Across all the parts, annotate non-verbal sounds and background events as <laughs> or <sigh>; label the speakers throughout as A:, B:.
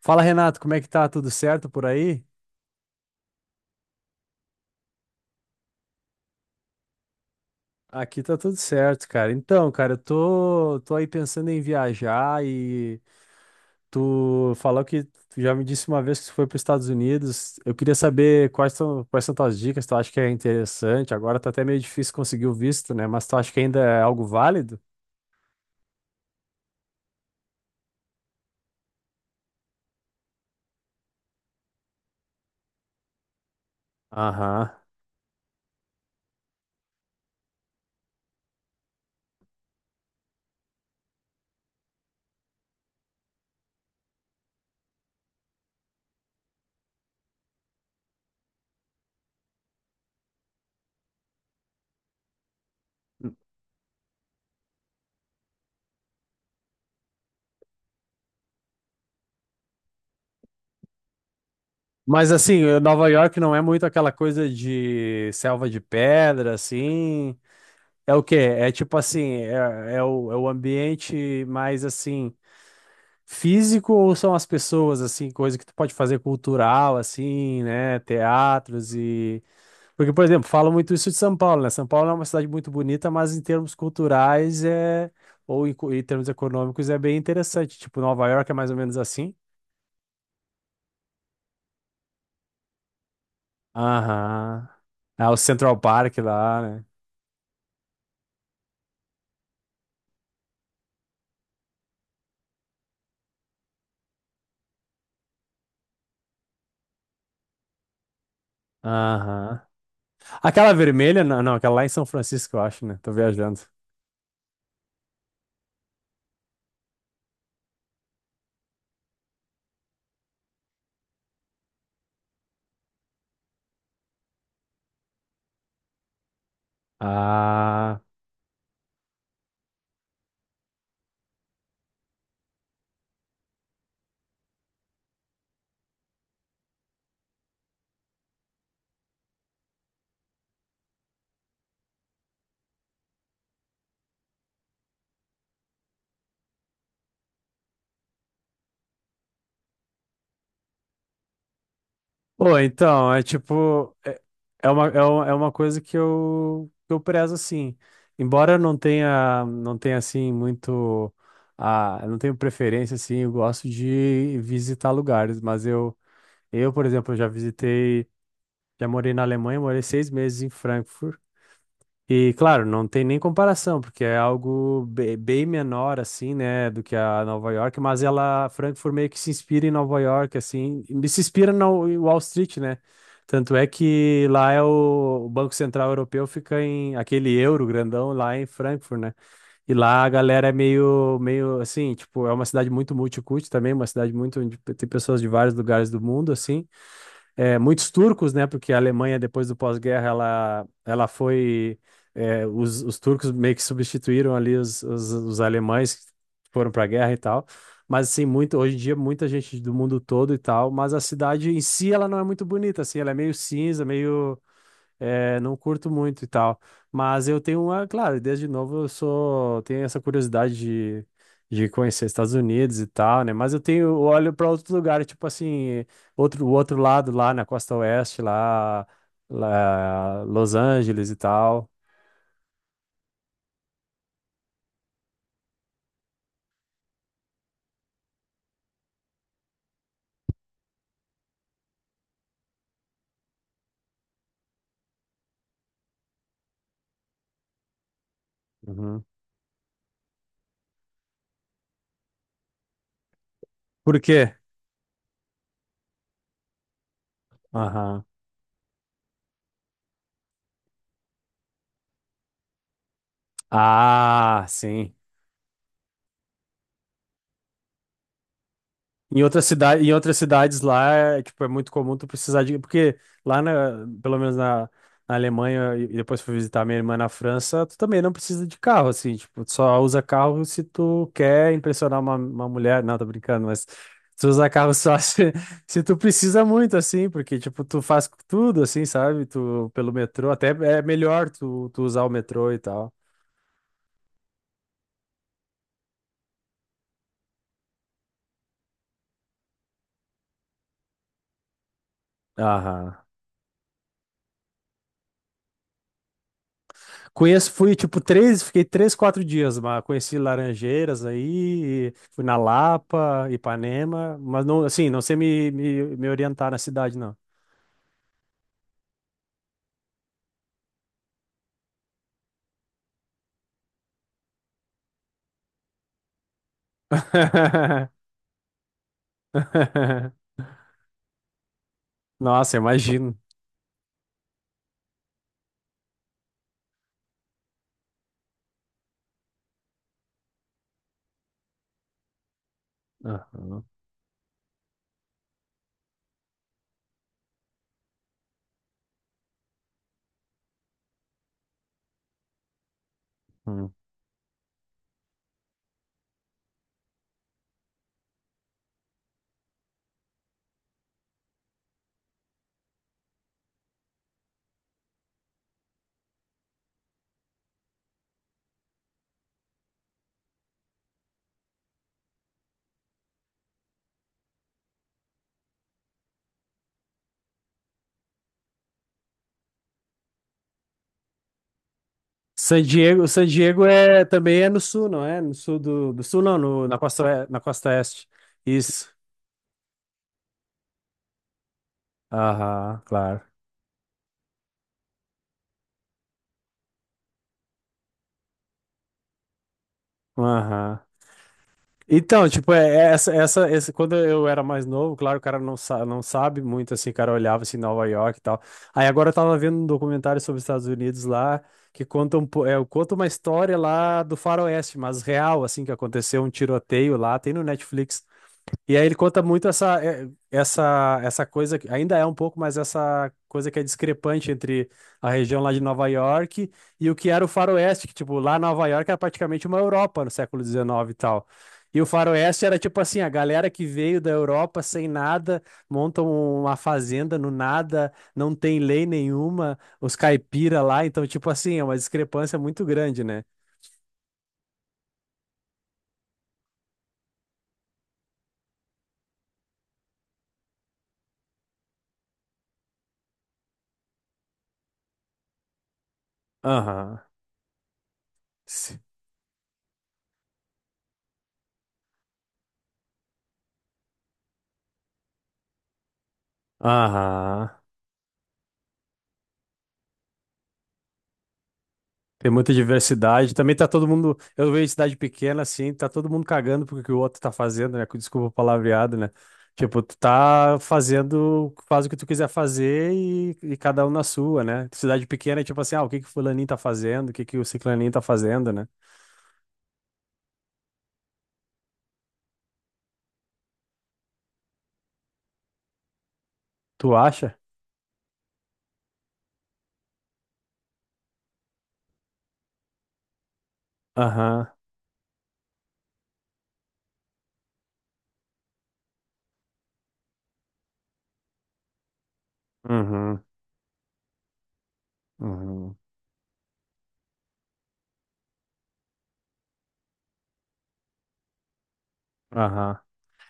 A: Fala, Renato, como é que tá? Tudo certo por aí? Aqui tá tudo certo, cara. Então, cara, eu tô aí pensando em viajar e tu falou que tu já me disse uma vez que tu foi para os Estados Unidos. Eu queria saber quais são tuas dicas, tu acha que é interessante? Agora tá até meio difícil conseguir o visto, né? Mas tu acha que ainda é algo válido? Aham. Mas assim, Nova York não é muito aquela coisa de selva de pedra, assim. É o quê? É tipo assim, é o ambiente mais assim, físico ou são as pessoas, assim, coisa que tu pode fazer cultural, assim, né? Teatros e. Porque, por exemplo, falam muito isso de São Paulo, né? São Paulo é uma cidade muito bonita, mas em termos culturais é. Ou em, em termos econômicos é bem interessante. Tipo, Nova York é mais ou menos assim. Aham. É o Central Park lá, né? Aham. Aquela vermelha, não, não, aquela lá é em São Francisco, eu acho, né? Tô viajando. Ah. Pô, então, é tipo, é, é uma coisa que eu prezo, assim. Embora eu não tenha, assim, muito, a, eu não tenho preferência, assim, eu gosto de visitar lugares, mas eu, por exemplo, já visitei, já morei na Alemanha, morei 6 meses em Frankfurt, e claro, não tem nem comparação, porque é algo bem menor assim, né, do que a Nova York, mas ela, Frankfurt meio que se inspira em Nova York assim, e se inspira na Wall Street, né? Tanto é que lá é o Banco Central Europeu fica em aquele euro grandão lá em Frankfurt, né? E lá a galera é meio assim, tipo, é uma cidade muito multicultural também, uma cidade muito onde tem pessoas de vários lugares do mundo assim, é, muitos turcos, né? Porque a Alemanha, depois do pós-guerra, ela foi. É, os turcos meio que substituíram ali os alemães que foram para a guerra e tal. Mas, assim, muito, hoje em dia, muita gente do mundo todo e tal. Mas a cidade em si, ela não é muito bonita, assim. Ela é meio cinza, meio. É, não curto muito e tal. Mas eu tenho uma, claro, desde novo eu sou, tenho essa curiosidade de conhecer Estados Unidos e tal, né? Mas eu tenho, eu olho para outro lugar, tipo assim, outro, o outro lado lá na costa oeste, lá, lá Los Angeles e tal. Uhum. Por quê? Aham. Ah, sim. Em outras cidades lá, tipo, é muito comum tu precisar de, porque lá na, pelo menos na, na Alemanha e depois fui visitar minha irmã na França, tu também não precisa de carro, assim, tipo, tu só usa carro se tu quer impressionar uma mulher, não, tô brincando, mas tu usa carro só <laughs> se tu precisa muito, assim, porque, tipo, tu faz tudo, assim, sabe, tu, pelo metrô, até é melhor tu usar o metrô e tal. Aham. Conheço, fui tipo três, fiquei três, quatro dias, mas conheci Laranjeiras aí, fui na Lapa, Ipanema, mas não, assim, não sei me orientar na cidade, não. <laughs> Nossa, imagino. Aham. Hum. San Diego é também é no sul, não é? No sul do, do sul, não, no- na costa, na costa oeste. Isso. Aham, claro. Aham. Então, tipo, é, quando eu era mais novo, claro, o cara não, sa não sabe muito, assim, o cara olhava, assim, Nova York e tal. Aí agora eu tava vendo um documentário sobre os Estados Unidos lá, que conta, um, conta uma história lá do Faroeste, mas real, assim, que aconteceu um tiroteio lá, tem no Netflix. E aí ele conta muito essa, essa coisa, ainda é um pouco, mas essa coisa que é discrepante entre a região lá de Nova York e o que era o Faroeste, que, tipo, lá Nova York era praticamente uma Europa no século XIX e tal. E o Faroeste era, tipo assim, a galera que veio da Europa sem nada, montam uma fazenda no nada, não tem lei nenhuma, os caipira lá, então, tipo assim, é uma discrepância muito grande, né? Aham. Aham. Tem muita diversidade. Também tá todo mundo. Eu vejo cidade pequena assim, tá todo mundo cagando porque que o outro tá fazendo, né? Com desculpa o palavreado, né? Tipo, tu tá fazendo, faz o que tu quiser fazer e cada um na sua, né? Cidade pequena é tipo assim, ah, o que que o fulaninho tá fazendo? O que que o ciclaninho tá fazendo, né? Tu acha? Aham. Uhum. Uhum. Aham.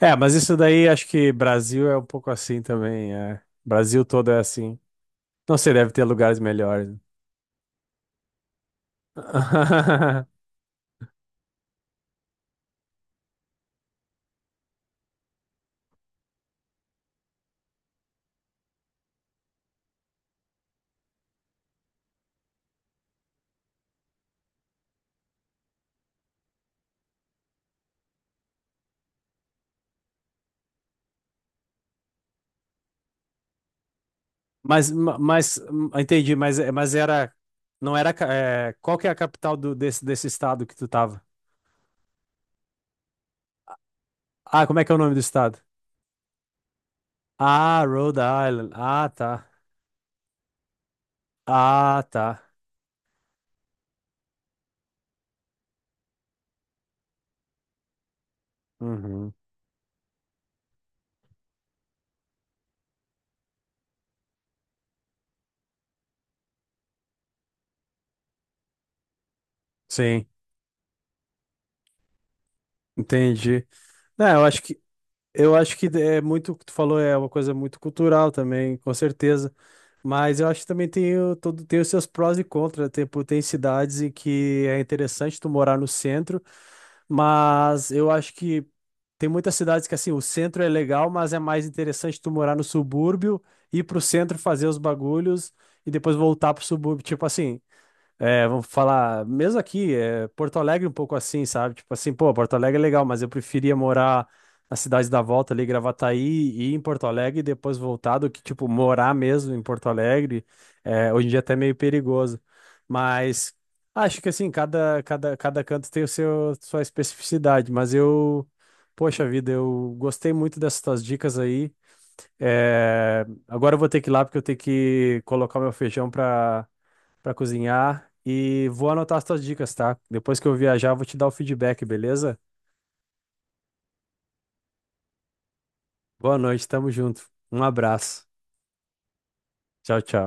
A: É, mas isso daí acho que Brasil é um pouco assim também, é. Brasil todo é assim. Não sei, deve ter lugares melhores. <laughs> Mas, mas, entendi, mas, mas era, não era, qual que é a capital do, desse estado que tu tava? Ah, como é que é o nome do estado? Ah, Rhode Island. Ah, tá. Ah, tá. Uhum. Sim, entendi. Não, eu acho que é muito, o que tu falou é uma coisa muito cultural também, com certeza. Mas eu acho que também tem, tem os seus prós e contras. Tem, pô, tem cidades em que é interessante tu morar no centro. Mas eu acho que tem muitas cidades que assim, o centro é legal, mas é mais interessante tu morar no subúrbio, ir pro centro fazer os bagulhos e depois voltar pro subúrbio. Tipo assim, é, vamos falar, mesmo aqui, é, Porto Alegre um pouco assim, sabe? Tipo assim, pô, Porto Alegre é legal, mas eu preferia morar na cidade da volta ali, Gravataí, e ir em Porto Alegre e depois voltar do que, tipo, morar mesmo em Porto Alegre. É, hoje em dia é até meio perigoso. Mas acho que assim, cada canto tem o seu, sua especificidade, mas eu, poxa vida, eu gostei muito dessas tuas dicas aí. É, agora eu vou ter que ir lá porque eu tenho que colocar o meu feijão para cozinhar e vou anotar as tuas dicas, tá? Depois que eu viajar, eu vou te dar o feedback, beleza? Boa noite, tamo junto. Um abraço. Tchau, tchau.